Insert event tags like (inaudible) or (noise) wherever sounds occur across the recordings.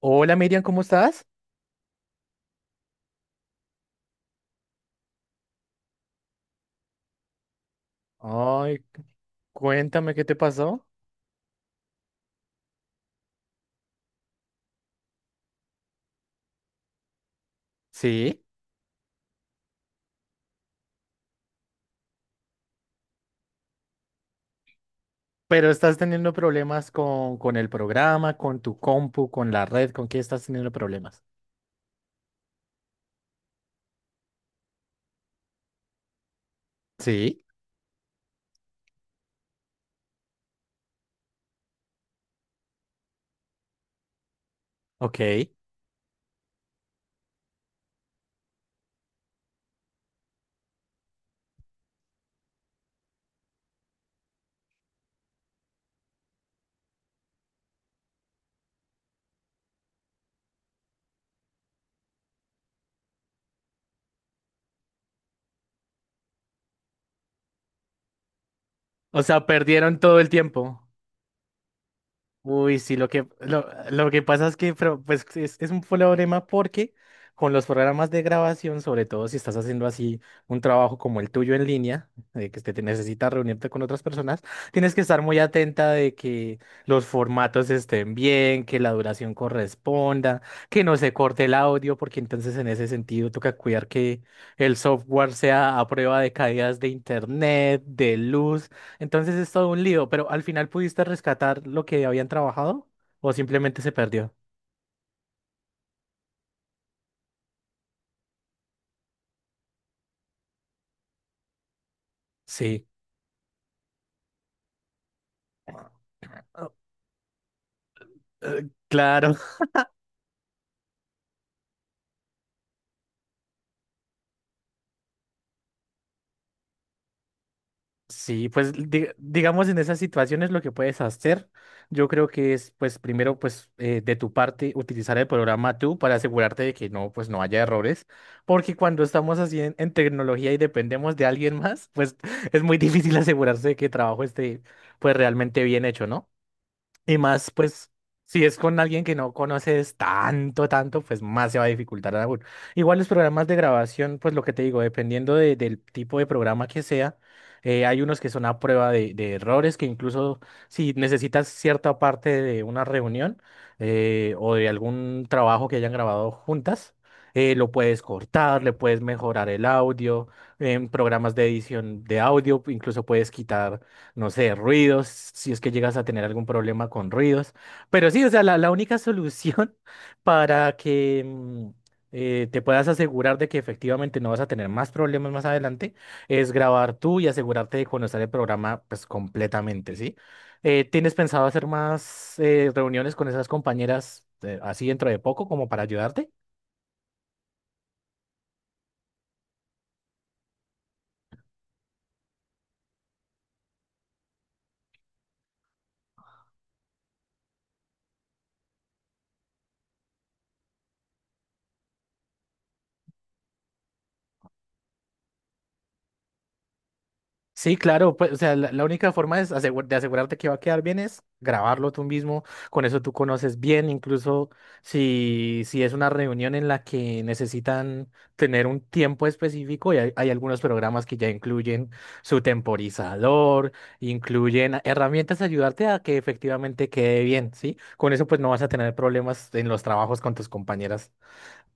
Hola Miriam, ¿cómo estás? Ay, cuéntame qué te pasó. Sí, pero estás teniendo problemas con el programa, con tu compu, con la red, ¿con qué estás teniendo problemas? Sí, ok. O sea, perdieron todo el tiempo. Uy, sí, lo que pasa es que pero, pues, es un problema porque con los programas de grabación, sobre todo si estás haciendo así un trabajo como el tuyo en línea, de que te necesitas reunirte con otras personas, tienes que estar muy atenta de que los formatos estén bien, que la duración corresponda, que no se corte el audio, porque entonces en ese sentido toca cuidar que el software sea a prueba de caídas de internet, de luz. Entonces es todo un lío, pero al final pudiste rescatar lo que habían trabajado o simplemente se perdió. Sí. Ah, claro, (laughs) sí, pues digamos en esas situaciones lo que puedes hacer, yo creo que es pues primero pues de tu parte utilizar el programa tú para asegurarte de que no pues no haya errores, porque cuando estamos así en tecnología y dependemos de alguien más, pues (laughs) es muy difícil asegurarse de que el trabajo esté pues realmente bien hecho, ¿no? Y más, pues, si es con alguien que no conoces tanto, tanto, pues más se va a dificultar aún. Igual los programas de grabación, pues lo que te digo, dependiendo del tipo de programa que sea, hay unos que son a prueba de errores, que incluso si necesitas cierta parte de una reunión o de algún trabajo que hayan grabado juntas, lo puedes cortar, le puedes mejorar el audio, en programas de edición de audio, incluso puedes quitar no sé, ruidos, si es que llegas a tener algún problema con ruidos. Pero sí, o sea, la única solución (laughs) para que te puedas asegurar de que efectivamente no vas a tener más problemas más adelante es grabar tú y asegurarte de conocer el programa pues completamente, ¿sí? ¿Tienes pensado hacer más reuniones con esas compañeras así dentro de poco como para ayudarte? Sí, claro, pues, o sea, la única forma es de asegurarte que va a quedar bien es grabarlo tú mismo, con eso tú conoces bien, incluso si, si es una reunión en la que necesitan tener un tiempo específico, y hay algunos programas que ya incluyen su temporizador, incluyen herramientas a ayudarte a que efectivamente quede bien, ¿sí? Con eso pues no vas a tener problemas en los trabajos con tus compañeras.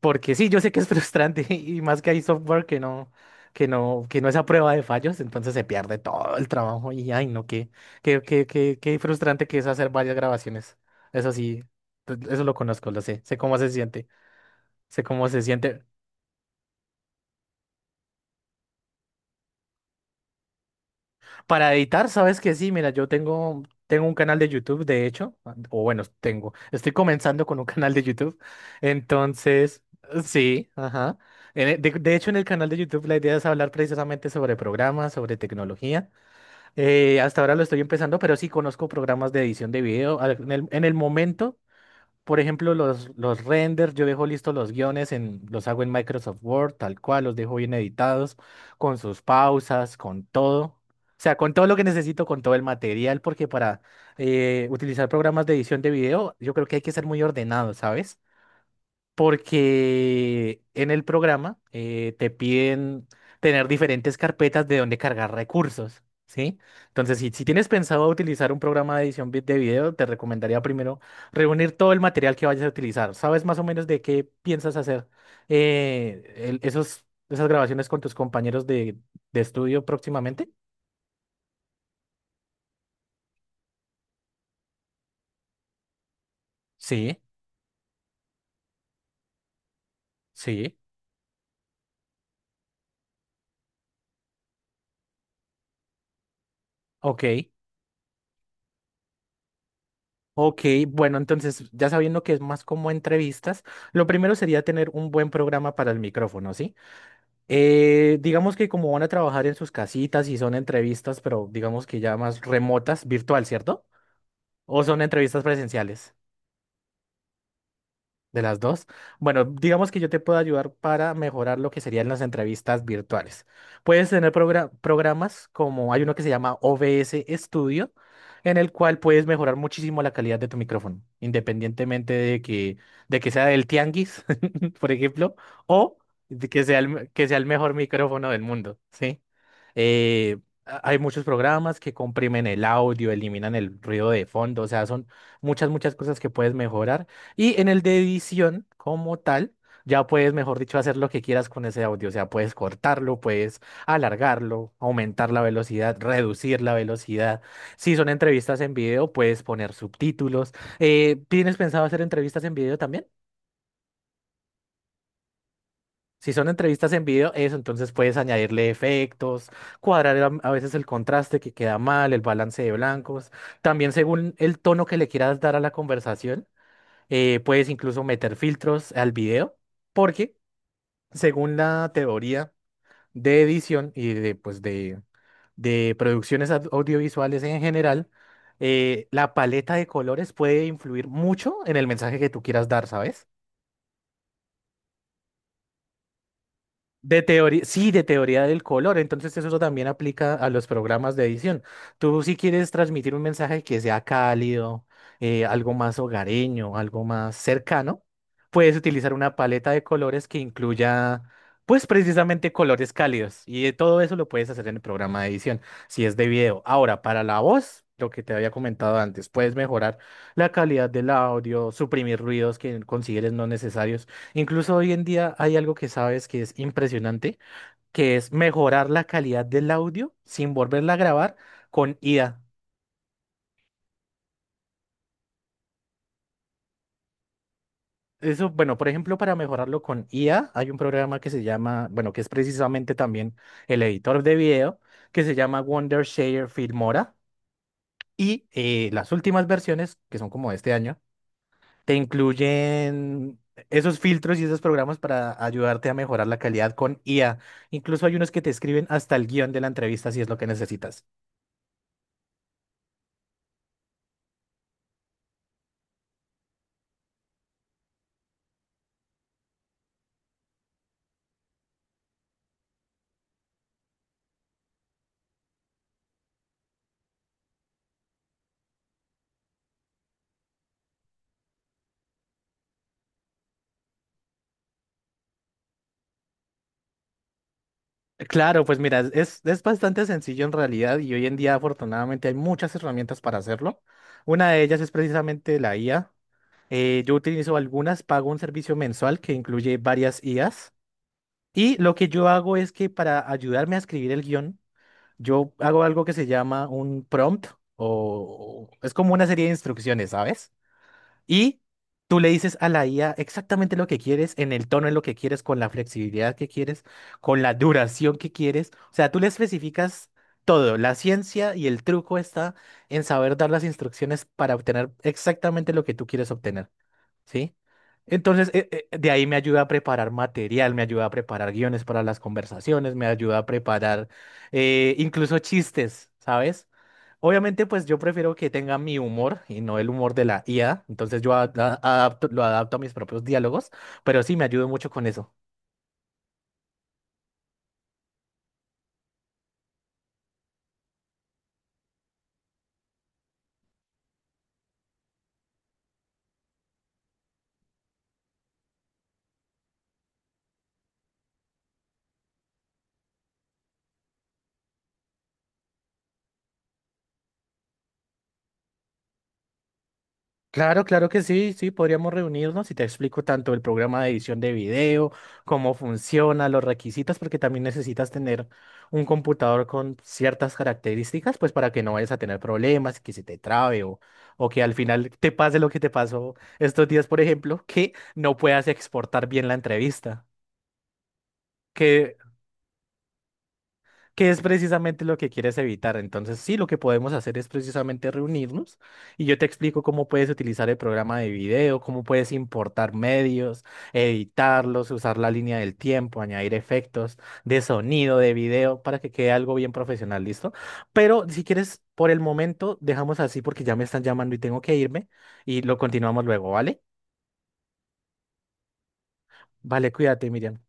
Porque sí, yo sé que es frustrante (laughs) y más que hay software que no es a prueba de fallos, entonces se pierde todo el trabajo y ay, no, qué frustrante que es hacer varias grabaciones. Eso sí, eso lo conozco, lo sé, sé cómo se siente, sé cómo se siente. Para editar, sabes que sí, mira, tengo un canal de YouTube, de hecho, o bueno, tengo, estoy comenzando con un (laughs) canal de YouTube, entonces, sí, ajá. De hecho, en el canal de YouTube la idea es hablar precisamente sobre programas, sobre tecnología. Hasta ahora lo estoy empezando, pero sí conozco programas de edición de video. En el momento por ejemplo, los renders, yo dejo listos los guiones, los hago en Microsoft Word, tal cual, los dejo bien editados, con sus pausas, con todo. O sea, con todo lo que necesito, con todo el material, porque para utilizar programas de edición de video, yo creo que hay que ser muy ordenado, ¿sabes? Porque en el programa te piden tener diferentes carpetas de donde cargar recursos, ¿sí? Entonces, si, si tienes pensado utilizar un programa de edición de video, te recomendaría primero reunir todo el material que vayas a utilizar. ¿Sabes más o menos de qué piensas hacer esos, esas grabaciones con tus compañeros de estudio próximamente? Sí, sí. Ok. Ok, bueno, entonces ya sabiendo que es más como entrevistas, lo primero sería tener un buen programa para el micrófono, ¿sí? Digamos que como van a trabajar en sus casitas y son entrevistas, pero digamos que ya más remotas, virtual, ¿cierto? ¿O son entrevistas presenciales? De las dos. Bueno, digamos que yo te puedo ayudar para mejorar lo que serían las entrevistas virtuales. Puedes tener programas como hay uno que se llama OBS Studio, en el cual puedes mejorar muchísimo la calidad de tu micrófono, independientemente de que sea del tianguis, (laughs) por ejemplo, o de que sea que sea el mejor micrófono del mundo, ¿sí? Eh, hay muchos programas que comprimen el audio, eliminan el ruido de fondo, o sea, son muchas, muchas cosas que puedes mejorar. Y en el de edición, como tal, ya puedes, mejor dicho, hacer lo que quieras con ese audio. O sea, puedes cortarlo, puedes alargarlo, aumentar la velocidad, reducir la velocidad. Si son entrevistas en video, puedes poner subtítulos. ¿Tienes pensado hacer entrevistas en video también? Si son entrevistas en video, eso, entonces puedes añadirle efectos, cuadrar a veces el contraste que queda mal, el balance de blancos. También según el tono que le quieras dar a la conversación, puedes incluso meter filtros al video. Porque según la teoría de edición y de, pues de producciones audiovisuales en general, la paleta de colores puede influir mucho en el mensaje que tú quieras dar, ¿sabes? De teoría, sí, de teoría del color. Entonces eso también aplica a los programas de edición. Tú si quieres transmitir un mensaje que sea cálido, algo más hogareño, algo más cercano, puedes utilizar una paleta de colores que incluya, pues precisamente colores cálidos. Y todo eso lo puedes hacer en el programa de edición, si es de video. Ahora, para la voz, lo que te había comentado antes, puedes mejorar la calidad del audio, suprimir ruidos que consideres no necesarios. Incluso hoy en día hay algo que sabes que es impresionante, que es mejorar la calidad del audio sin volverla a grabar con IA. Eso, bueno, por ejemplo, para mejorarlo con IA, hay un programa que se llama, bueno, que es precisamente también el editor de video, que se llama Wondershare Filmora. Y las últimas versiones, que son como de este año, te incluyen esos filtros y esos programas para ayudarte a mejorar la calidad con IA. Incluso hay unos que te escriben hasta el guión de la entrevista si es lo que necesitas. Claro, pues mira, es bastante sencillo en realidad y hoy en día afortunadamente hay muchas herramientas para hacerlo. Una de ellas es precisamente la IA. Yo utilizo algunas, pago un servicio mensual que incluye varias IAs y lo que yo hago es que para ayudarme a escribir el guión, yo hago algo que se llama un prompt o es como una serie de instrucciones, ¿sabes? Y tú le dices a la IA exactamente lo que quieres, en el tono en lo que quieres, con la flexibilidad que quieres, con la duración que quieres. O sea, tú le especificas todo. La ciencia y el truco está en saber dar las instrucciones para obtener exactamente lo que tú quieres obtener. ¿Sí? Entonces, de ahí me ayuda a preparar material, me ayuda a preparar guiones para las conversaciones, me ayuda a preparar incluso chistes, ¿sabes? Obviamente, pues yo prefiero que tenga mi humor y no el humor de la IA, entonces yo lo adapto a mis propios diálogos, pero sí me ayuda mucho con eso. Claro, claro que sí, sí, podríamos reunirnos y te explico tanto el programa de edición de video, cómo funciona, los requisitos, porque también necesitas tener un computador con ciertas características, pues para que no vayas a tener problemas, que se te trabe o que al final te pase lo que te pasó estos días, por ejemplo, que no puedas exportar bien la entrevista, que que es precisamente lo que quieres evitar. Entonces, sí, lo que podemos hacer es precisamente reunirnos y yo te explico cómo puedes utilizar el programa de video, cómo puedes importar medios, editarlos, usar la línea del tiempo, añadir efectos de sonido, de video, para que quede algo bien profesional, ¿listo? Pero si quieres, por el momento, dejamos así porque ya me están llamando y tengo que irme y lo continuamos luego, ¿vale? Vale, cuídate, Miriam.